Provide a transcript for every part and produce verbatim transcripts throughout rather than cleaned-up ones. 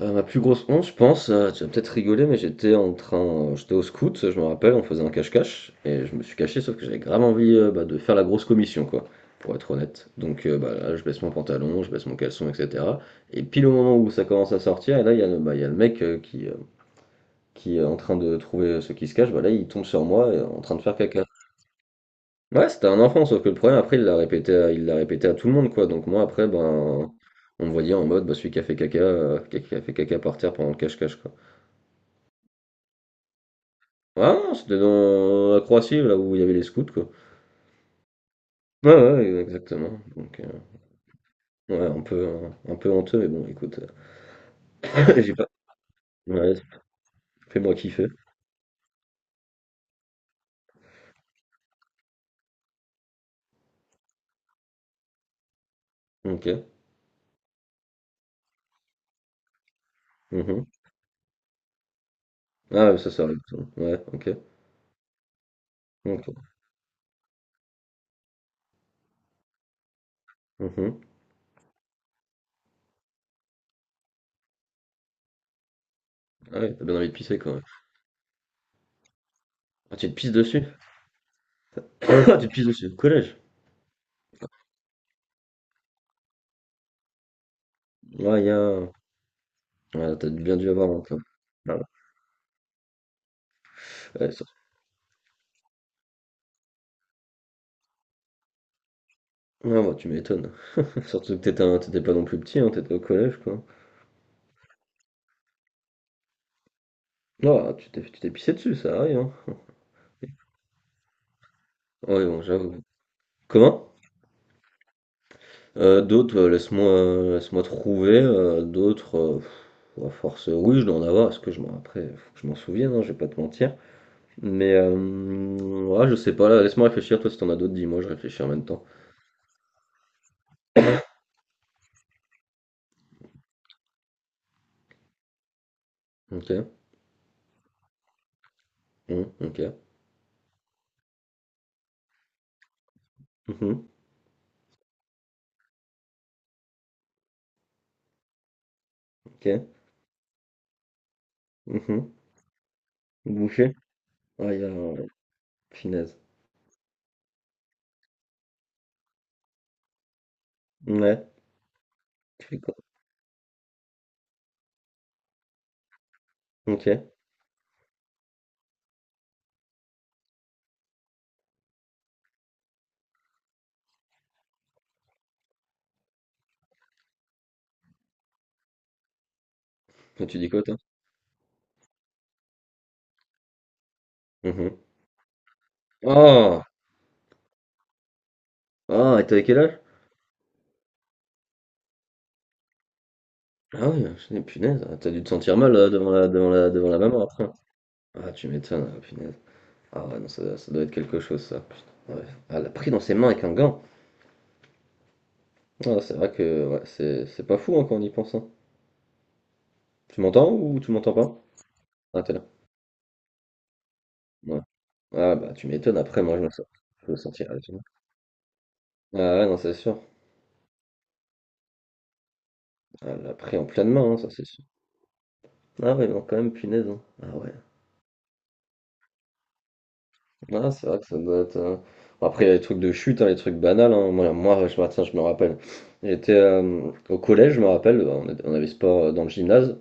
Heu, ma plus grosse honte, je pense, heu, tu vas peut-être rigoler, mais j'étais en train euh, j'étais au scout, je me rappelle, on faisait un cache-cache et je me suis caché, sauf que j'avais grave envie, heu, bah, de faire la grosse commission, quoi, pour être honnête. Donc heu, bah, là, je baisse mon pantalon, je baisse mon caleçon et cetera, et pile au moment où ça commence à sortir, et là, il y a le, bah, il y a le mec, heu, qui, heu, qui est en train de trouver ceux qui se cachent, bah, là, il tombe sur moi et en train de faire caca. Ouais, c'était un enfant, sauf que le problème après, il l'a répété à il l'a répété à tout le monde, quoi, donc moi après, ben, on me voyait en mode, bah, celui qui a fait caca, heu, qui a qui a fait caca par terre pendant le cache-cache, quoi. Ah, c'était dans la Croatie, là où il y avait les scouts, quoi. Ouais, ouais, exactement. Donc, euh, ouais, un peu, un peu honteux, mais bon, écoute, euh, j'ai pas. Ouais, fais-moi kiffer. Ok. Mhm. Ah, ouais, ça, ça arrive. Ça. Ouais, ok. Ok. Mhm. Ah ouais, t'as bien envie de pisser, quoi. Ouais. Ah, tu te pisses dessus. Ah, tu te pisses dessus. Au collège. Ouais, il y a. Ouais, t'as bien dû avoir, encore. Ah, ouais, ça, ouais, bah, tu m'étonnes. Surtout que t'étais un- t'étais pas non plus petit, hein, t'étais au collège, quoi. Ah, tu t'es tu t'es pissé dessus, ça arrive, hein. Ouais, bon, j'avoue. Comment? Euh, d'autres, euh, laisse-moi euh, laisse-moi trouver. Euh, d'autres, euh, pff, à force, euh, oui, je dois en avoir. Parce que je m'en après, Faut que je m'en souvienne, hein, je vais pas te mentir. Mais euh, ouais, je sais pas. Là, laisse-moi réfléchir. Toi, si t'en as d'autres, dis-moi. Je réfléchis en même temps. Ok. Mmh, ok. Mmh, ok. Mmh. Boucher. Ah, il y a un- euh, Finesse. Ouais. Tu fais quoi? Ok. Toi, tu dis quoi, toi? Mmh. Oh, ah, et t'avais quel âge? Ah oui, je dis, punaise, t'as dû te sentir mal là, devant la, devant la, devant la maman après. Ah, tu m'étonnes, ah, punaise. Ah ouais, non, ça, ça doit être quelque chose, ça. Putain, ouais. Elle a pris dans ses mains avec un gant. Ah, c'est vrai que ouais, c'est c'est pas fou hein, quand on y pense. Hein. Tu m'entends ou tu m'entends pas? Ah, t'es là. Ouais. Ah, bah, tu m'étonnes. Après, moi, je me sens. Je me sentirais étonné. Ah, ouais, non, c'est sûr. Ah, elle l'a pris en pleine main, hein, ça, c'est sûr. Ah, ouais, non, quand même, punaise. Hein. Ah, ouais. Ah, c'est vrai que ça doit être. Euh, bon, après, il y a les trucs de chute, hein, les trucs banals. Hein. Moi, moi, je me tiens, je me rappelle. J'étais euh, au collège, je me rappelle. On on avait sport euh, dans le gymnase.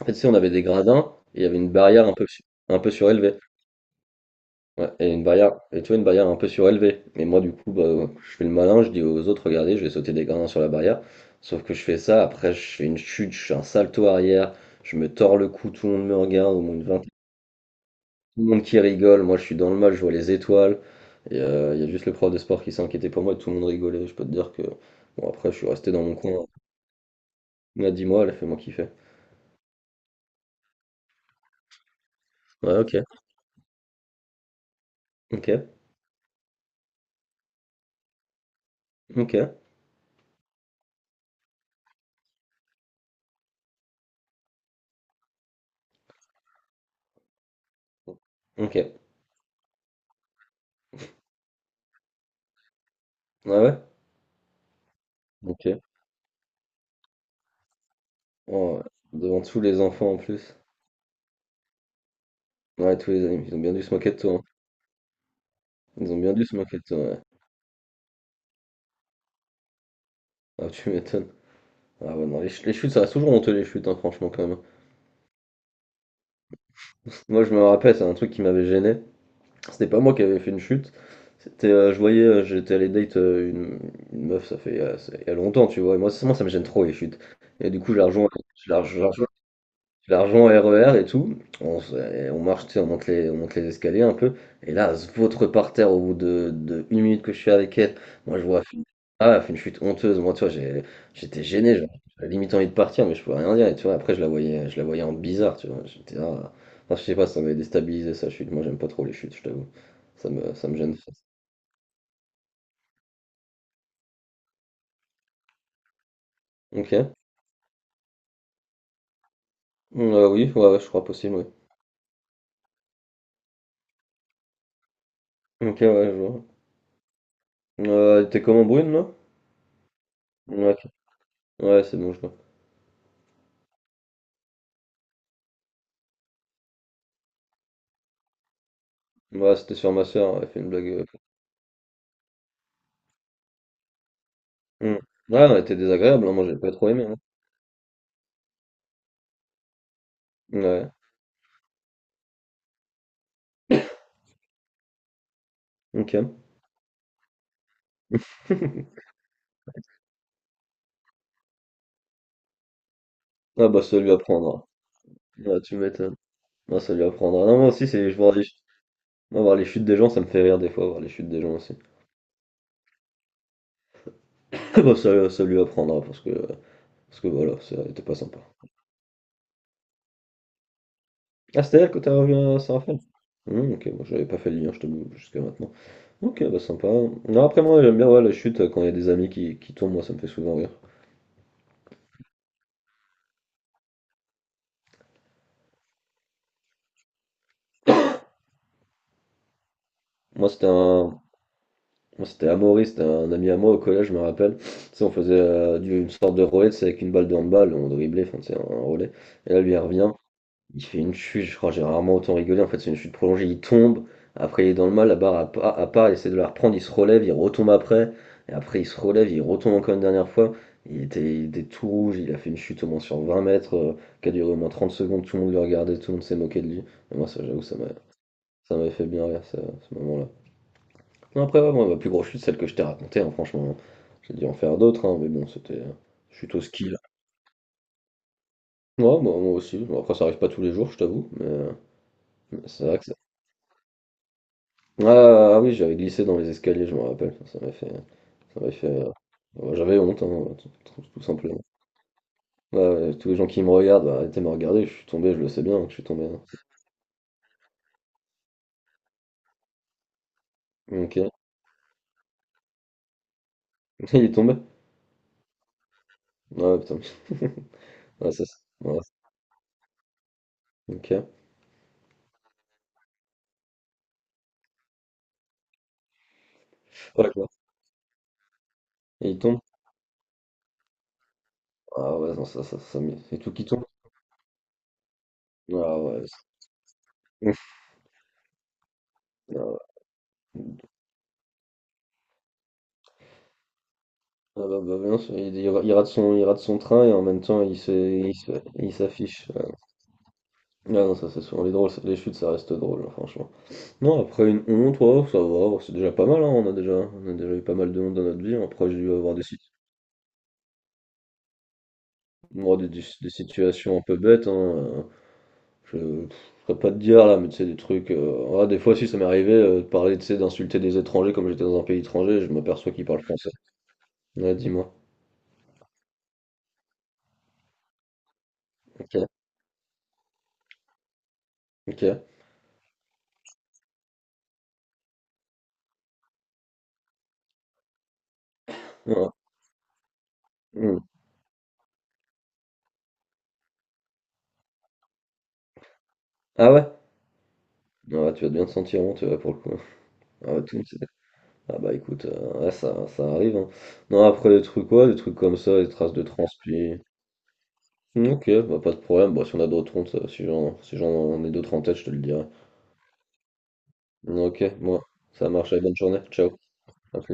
En fait, tu sais, on avait des gradins et il y avait une barrière un peu, su- un peu surélevée. Ouais, et une barrière, et tu vois, Une barrière un peu surélevée. Mais moi, du coup, bah, je fais le malin, je dis aux autres, regardez, je vais sauter des gradins sur la barrière. Sauf que je fais ça, après, je fais une chute, je fais un salto arrière, je me tords le cou, tout le monde me regarde, au moins une vingtaine, tout le monde qui rigole. Moi, je suis dans le mal, je vois les étoiles. Et euh, il y a juste le prof de sport qui s'est inquiété pour moi et tout le monde rigolait. Je peux te dire que, bon, après, je suis resté dans mon coin. On a dit, moi, elle a fait moi kiffer. Ouais, ok, ok, ok, ok. Ouais, ouais. Ok. Oh, ouais. Devant tous les enfants en plus. Ouais, tous les animes, ils ont bien dû se moquer de toi. Hein. Ils ont bien dû se moquer de toi, ouais. Ah, tu m'étonnes. Ah ouais, non, les, ch- les chutes, ça reste toujours honteux, les chutes, hein, franchement, quand même. Moi, je me rappelle, c'est un truc qui m'avait gêné. C'était pas moi qui avais fait une chute. C'était, euh, je voyais, euh, j'étais allé date euh, une, une meuf, ça fait euh, ça- il y a longtemps, tu vois. Et moi, c'est- moi, ça me gêne trop, les chutes. Et du coup, je la rejoins, je la, je la rejoins au R E R et tout. On, se- et On marche, tu sais, on monte les, on monte les escaliers un peu. Et là, elle se vautre par terre au bout de, de une minute que je suis avec elle. Moi, je vois, elle fait une- Ah, ouais, elle fait une chute honteuse. Moi, tu vois, j'ai- J'étais gêné. Genre, j'avais limite envie de partir, mais je pouvais rien dire. Et tu vois, après, je la voyais, je la voyais en bizarre, tu vois. J'étais, ah. Enfin, je sais pas, ça m'avait déstabilisé sa chute. Moi, j'aime pas trop les chutes, je t'avoue. Ça me, ça me gêne. Ok. Euh, oui, ouais, ouais, je crois possible, oui. Ok, ouais, je vois. Euh, t'es comment brune, là? Ouais, ok. Ouais, c'est bon, je vois. Ouais, c'était sur ma soeur, elle fait une blague. Euh, mm. Ouais, on a été désagréable, hein. Moi, j'ai pas trop aimé. Hein. Ouais, ok. Ah bah ça lui apprendra. Ah, tu m'étonnes. Ah, ça lui apprendra. Non, moi aussi, c'est je vois les... Moi, voir les chutes des gens, ça me fait rire des fois, voir les chutes des gens aussi. Ah bah ça, ça lui apprendra parce que parce que voilà, ça était pas sympa. Ah, c'était elle que t'as revu à Saint-Raphaël? Hmm, ok, moi j'avais pas fait le lien, je t'avoue, jusqu'à maintenant. Ok, bah sympa. Non, après moi j'aime bien ouais, la chute euh, quand il y a des amis qui, qui tombent, moi ça me fait souvent rire. Moi c'était un, Moi, c'était Amaury, c'était un ami à moi au collège, je me rappelle. Tu sais, on faisait euh, du- une sorte de relais, c'est avec une balle de handball, on driblait, enfin, c'est un un relais. Et là, lui, il revient, il fait une chute, je crois, j'ai rarement autant rigolé, en fait, c'est une chute prolongée, il tombe, après, il est dans le mal, la barre à pas, à part, il essaie de la reprendre, il se relève, il retombe après, et après, il se relève, il retombe encore une dernière fois. Il était, il était tout rouge, il a fait une chute au moins sur vingt mètres, euh, qui a duré au moins trente secondes, tout le monde le regardait, tout le monde s'est moqué de lui. Et moi, ça, j'avoue, ça m'a, ça m'avait fait bien rire, ça, ce moment-là. Non, après, ouais, moi, ma plus grosse chute, celle que je t'ai racontée, hein, franchement, j'ai dû en faire d'autres, hein, mais bon, c'était euh, chute au ski, là. Ouais, bah, moi aussi, bon, après, ça arrive pas tous les jours, je t'avoue, mais euh, mais c'est vrai que ça... Ah, ah oui, j'avais glissé dans les escaliers, je me rappelle, ça m'a fait... Ça m'a fait euh, bah, j'avais honte, hein, tout, tout- tout simplement. Ouais, ouais, tous les gens qui me regardent, bah, arrêtez de me regarder, je suis tombé, je le sais bien hein, que je suis tombé. Hein. Ok, il est tombé? Ouais, putain, ouais, c'est ça, ouais, ok. Ouais, quoi. Et il tombe? Ah ouais, non, ça, ça, ça, m'y- c'est tout qui tombe? Ah ouais, c'est- Ah ouais. Ah bah, bah, non, c'est- il, il ra- il rate son, il rate son train et en même temps il se, il se- il s'affiche. Ouais. Ah non, ça c'est souvent les drôles, ça- les chutes ça reste drôle, hein, franchement. Non, après une honte, ouais, ça va, ouais, c'est déjà pas mal, hein, on a déjà, on a déjà eu pas mal de honte dans notre vie. Hein. Après, j'ai dû avoir des, sit- moi, des, des- des situations un peu bêtes, hein, euh, je ne saurais pas te dire là, mais tu sais, des trucs. Euh, ouais, des fois, si ça m'est arrivé euh, de parler, tu sais, d'insulter des étrangers comme j'étais dans un pays étranger, je m'aperçois qu'ils parlent français. Ouais, dis-moi. Ok, ok. Ouais. Hmm. Ah ouais? Ah, tu vas bien te sentir honteux là, pour le coup. Ah, ouais, tout le monde s'est- Ah, bah écoute, euh, ouais, ça, ça arrive. Hein. Non, après des trucs, ouais, des trucs comme ça, des traces de transpi. Ok, bah pas de problème. Bon, si on a d'autres hontes, euh, si j'en si j'en ai d'autres en tête, je te le dirai. Ok, moi, ça marche, allez, bonne journée, ciao, à plus.